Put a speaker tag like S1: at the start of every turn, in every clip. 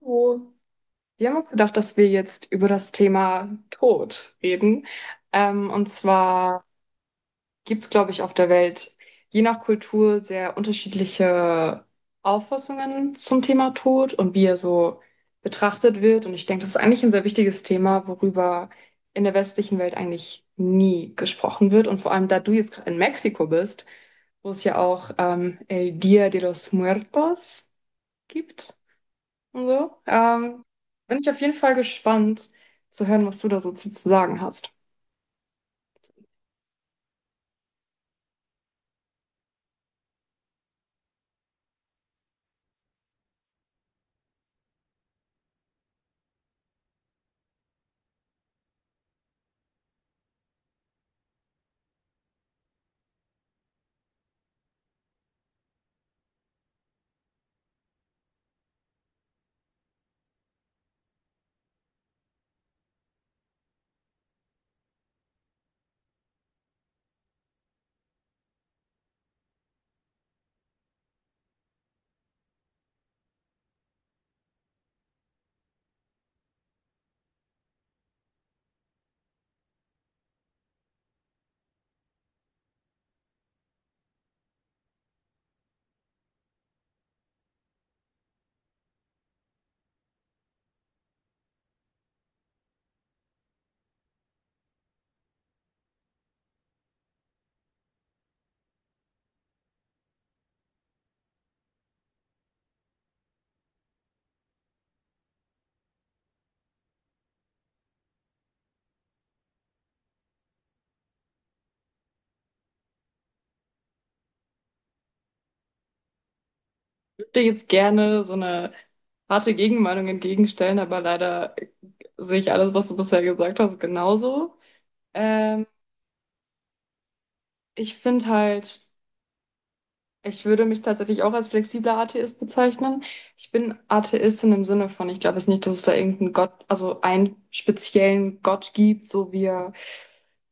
S1: Oh, wir haben uns gedacht, dass wir jetzt über das Thema Tod reden. Und zwar gibt es, glaube ich, auf der Welt je nach Kultur sehr unterschiedliche Auffassungen zum Thema Tod und wie er so betrachtet wird. Und ich denke, das ist eigentlich ein sehr wichtiges Thema, worüber in der westlichen Welt eigentlich nie gesprochen wird. Und vor allem, da du jetzt gerade in Mexiko bist, wo es ja auch El Día de los Muertos gibt und so. Bin ich auf jeden Fall gespannt zu hören, was du da so zu sagen hast. Ich würde dir jetzt gerne so eine harte Gegenmeinung entgegenstellen, aber leider sehe ich alles, was du bisher gesagt hast, genauso. Ähm, Ich finde halt, ich würde mich tatsächlich auch als flexibler Atheist bezeichnen. Ich bin Atheistin im Sinne von, ich glaube jetzt nicht, dass es da irgendeinen Gott, also einen speziellen Gott gibt, so wie er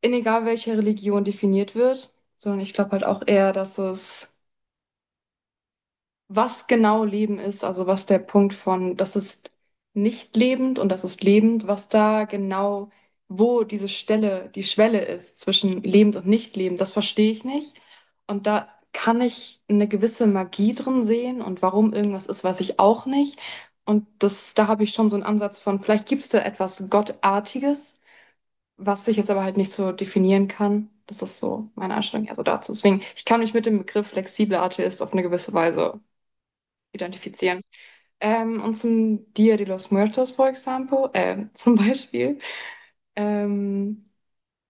S1: in egal welcher Religion definiert wird, sondern ich glaube halt auch eher, dass es was genau Leben ist, also was der Punkt von, das ist nicht lebend und das ist lebend, was da genau, wo diese Stelle, die Schwelle ist zwischen lebend und nicht lebend, das verstehe ich nicht. Und da kann ich eine gewisse Magie drin sehen und warum irgendwas ist, weiß ich auch nicht. Und das, da habe ich schon so einen Ansatz von, vielleicht gibt es da etwas Gottartiges, was ich jetzt aber halt nicht so definieren kann. Das ist so meine Einstellung eher so dazu. Deswegen, ich kann mich mit dem Begriff flexibler Atheist auf eine gewisse Weise identifizieren. Und zum Dia de los Muertos, for example, zum Beispiel. Ähm,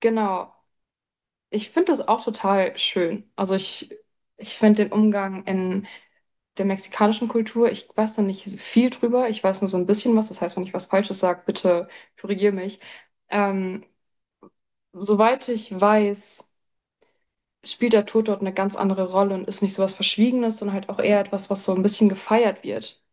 S1: genau. Ich finde das auch total schön. Ich finde den Umgang in der mexikanischen Kultur, ich weiß noch nicht viel drüber, ich weiß nur so ein bisschen was. Das heißt, wenn ich was Falsches sage, bitte korrigier mich. Ähm, Soweit ich weiß, spielt der Tod dort eine ganz andere Rolle und ist nicht so was Verschwiegenes, sondern halt auch eher etwas, was so ein bisschen gefeiert wird.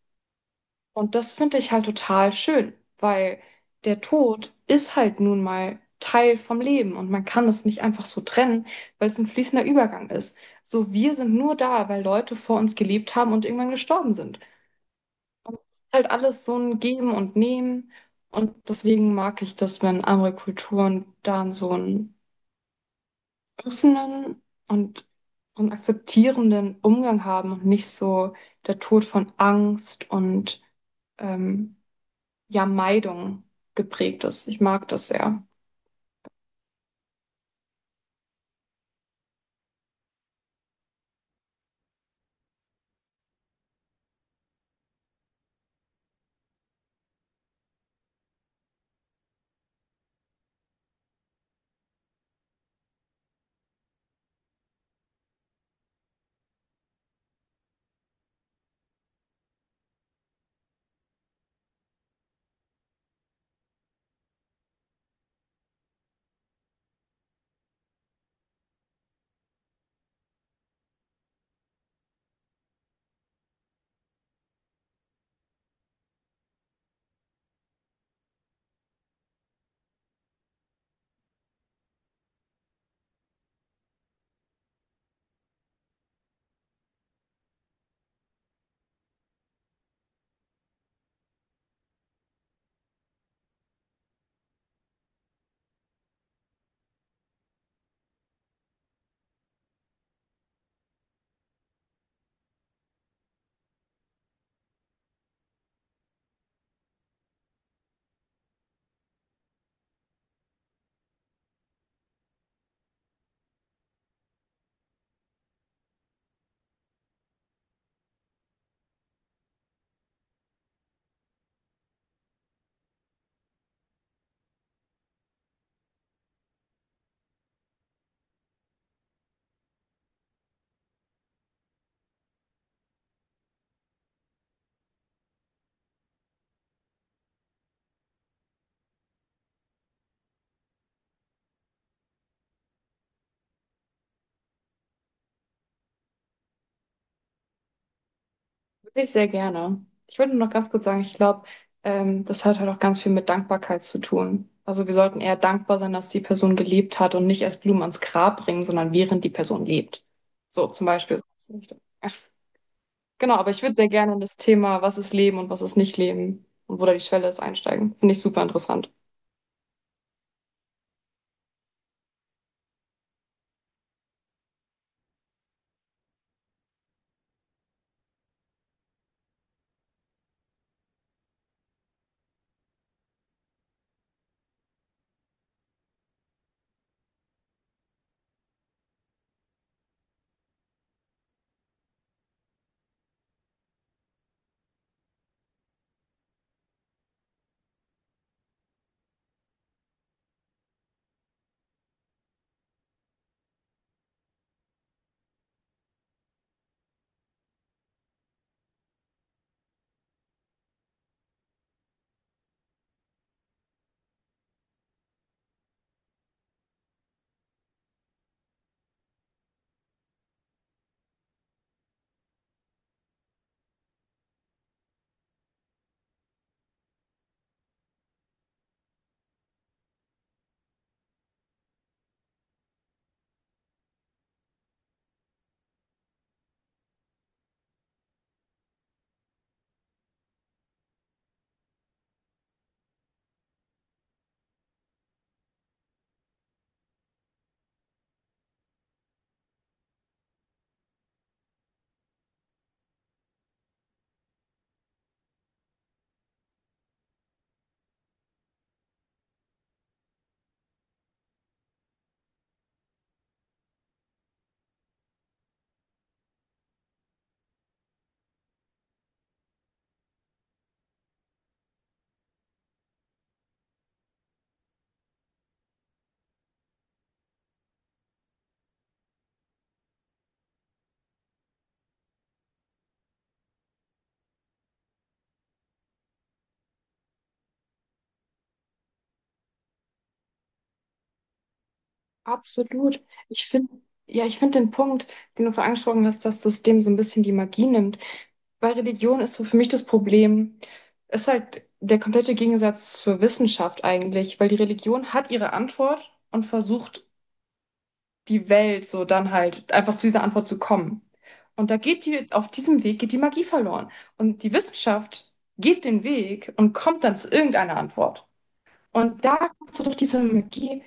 S1: Und das finde ich halt total schön, weil der Tod ist halt nun mal Teil vom Leben und man kann es nicht einfach so trennen, weil es ein fließender Übergang ist. So, wir sind nur da, weil Leute vor uns gelebt haben und irgendwann gestorben sind. Und es ist halt alles so ein Geben und Nehmen. Und deswegen mag ich das, wenn andere Kulturen da so einen offenen und so einen akzeptierenden Umgang haben und nicht so der Tod von Angst und ähm, ja, Meidung geprägt ist. Ich mag das sehr. Wirklich sehr gerne. Ich würde nur noch ganz kurz sagen, ich glaube, das hat halt auch ganz viel mit Dankbarkeit zu tun. Also wir sollten eher dankbar sein, dass die Person gelebt hat und nicht erst Blumen ans Grab bringen, sondern während die Person lebt. So zum Beispiel, so in die Richtung. Ja, genau, aber ich würde sehr gerne in das Thema, was ist Leben und was ist nicht Leben und wo da die Schwelle ist, einsteigen. Finde ich super interessant. Absolut. Ich finde, ja, ich finde den Punkt, den du vorhin angesprochen hast, dass das dem so ein bisschen die Magie nimmt. Bei Religion ist so für mich das Problem, ist halt der komplette Gegensatz zur Wissenschaft eigentlich, weil die Religion hat ihre Antwort und versucht, die Welt so dann halt einfach zu dieser Antwort zu kommen. Und da geht die, auf diesem Weg geht die Magie verloren. Und die Wissenschaft geht den Weg und kommt dann zu irgendeiner Antwort. Und da kannst du durch diese Magie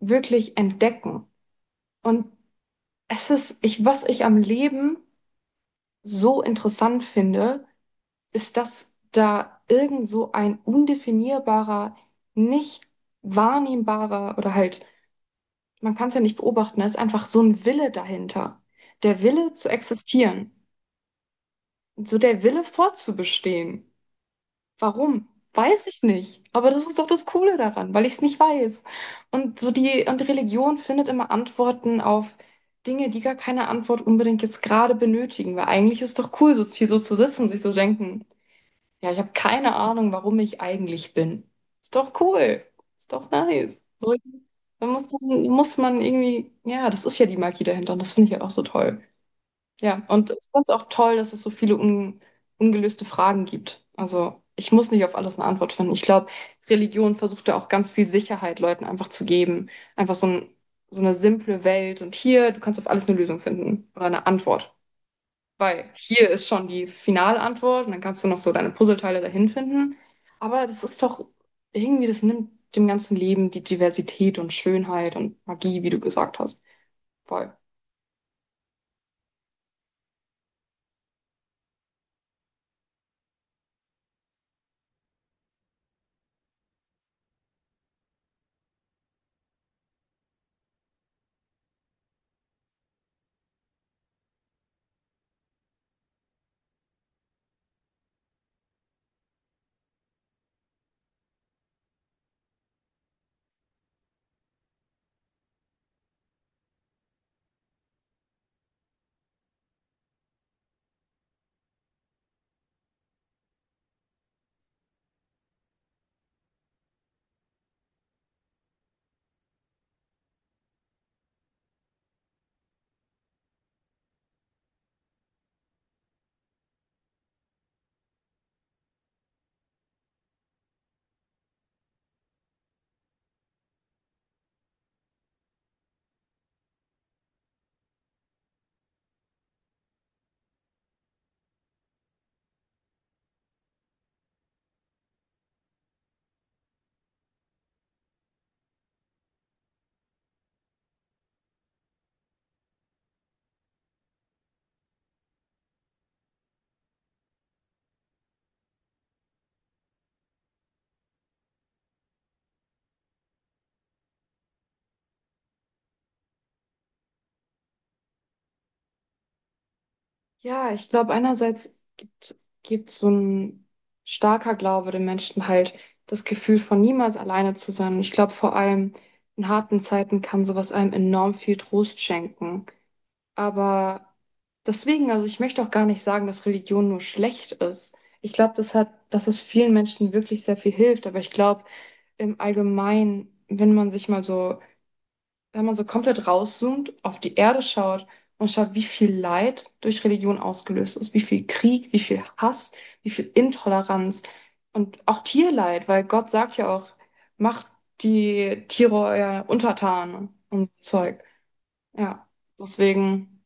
S1: wirklich entdecken. Und es ist, ich, was ich am Leben so interessant finde, ist, dass da irgend so ein undefinierbarer, nicht wahrnehmbarer oder halt, man kann es ja nicht beobachten, da ist einfach so ein Wille dahinter. Der Wille zu existieren, so der Wille fortzubestehen. Warum? Weiß ich nicht. Aber das ist doch das Coole daran, weil ich es nicht weiß. Und so die, und die Religion findet immer Antworten auf Dinge, die gar keine Antwort unbedingt jetzt gerade benötigen. Weil eigentlich ist doch cool, so hier so zu sitzen und sich so denken, ja, ich habe keine Ahnung, warum ich eigentlich bin. Ist doch cool. Ist doch nice. So, da muss man irgendwie, ja, das ist ja die Magie dahinter und das finde ich halt auch so toll. Ja, und ich fand es auch toll, dass es so viele un ungelöste Fragen gibt. Also ich muss nicht auf alles eine Antwort finden. Ich glaube, Religion versucht da auch ganz viel Sicherheit Leuten einfach zu geben. Einfach so ein, so eine simple Welt. Und hier, du kannst auf alles eine Lösung finden oder eine Antwort. Weil hier ist schon die finale Antwort und dann kannst du noch so deine Puzzleteile dahin finden. Aber das ist doch irgendwie, das nimmt dem ganzen Leben die Diversität und Schönheit und Magie, wie du gesagt hast. Voll. Ja, ich glaube, gibt so ein starker Glaube den Menschen halt das Gefühl von niemals alleine zu sein. Und ich glaube, vor allem in harten Zeiten kann sowas einem enorm viel Trost schenken. Aber deswegen, also ich möchte auch gar nicht sagen, dass Religion nur schlecht ist. Ich glaube, das hat, dass es vielen Menschen wirklich sehr viel hilft. Aber ich glaube, im Allgemeinen, wenn man sich mal so wenn man so komplett rauszoomt, auf die Erde schaut und schaut, wie viel Leid durch Religion ausgelöst ist, wie viel Krieg, wie viel Hass, wie viel Intoleranz und auch Tierleid, weil Gott sagt ja auch, macht die Tiere euer Untertan und so Zeug. Ja, deswegen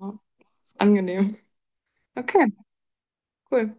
S1: ja, ist angenehm. Okay, cool.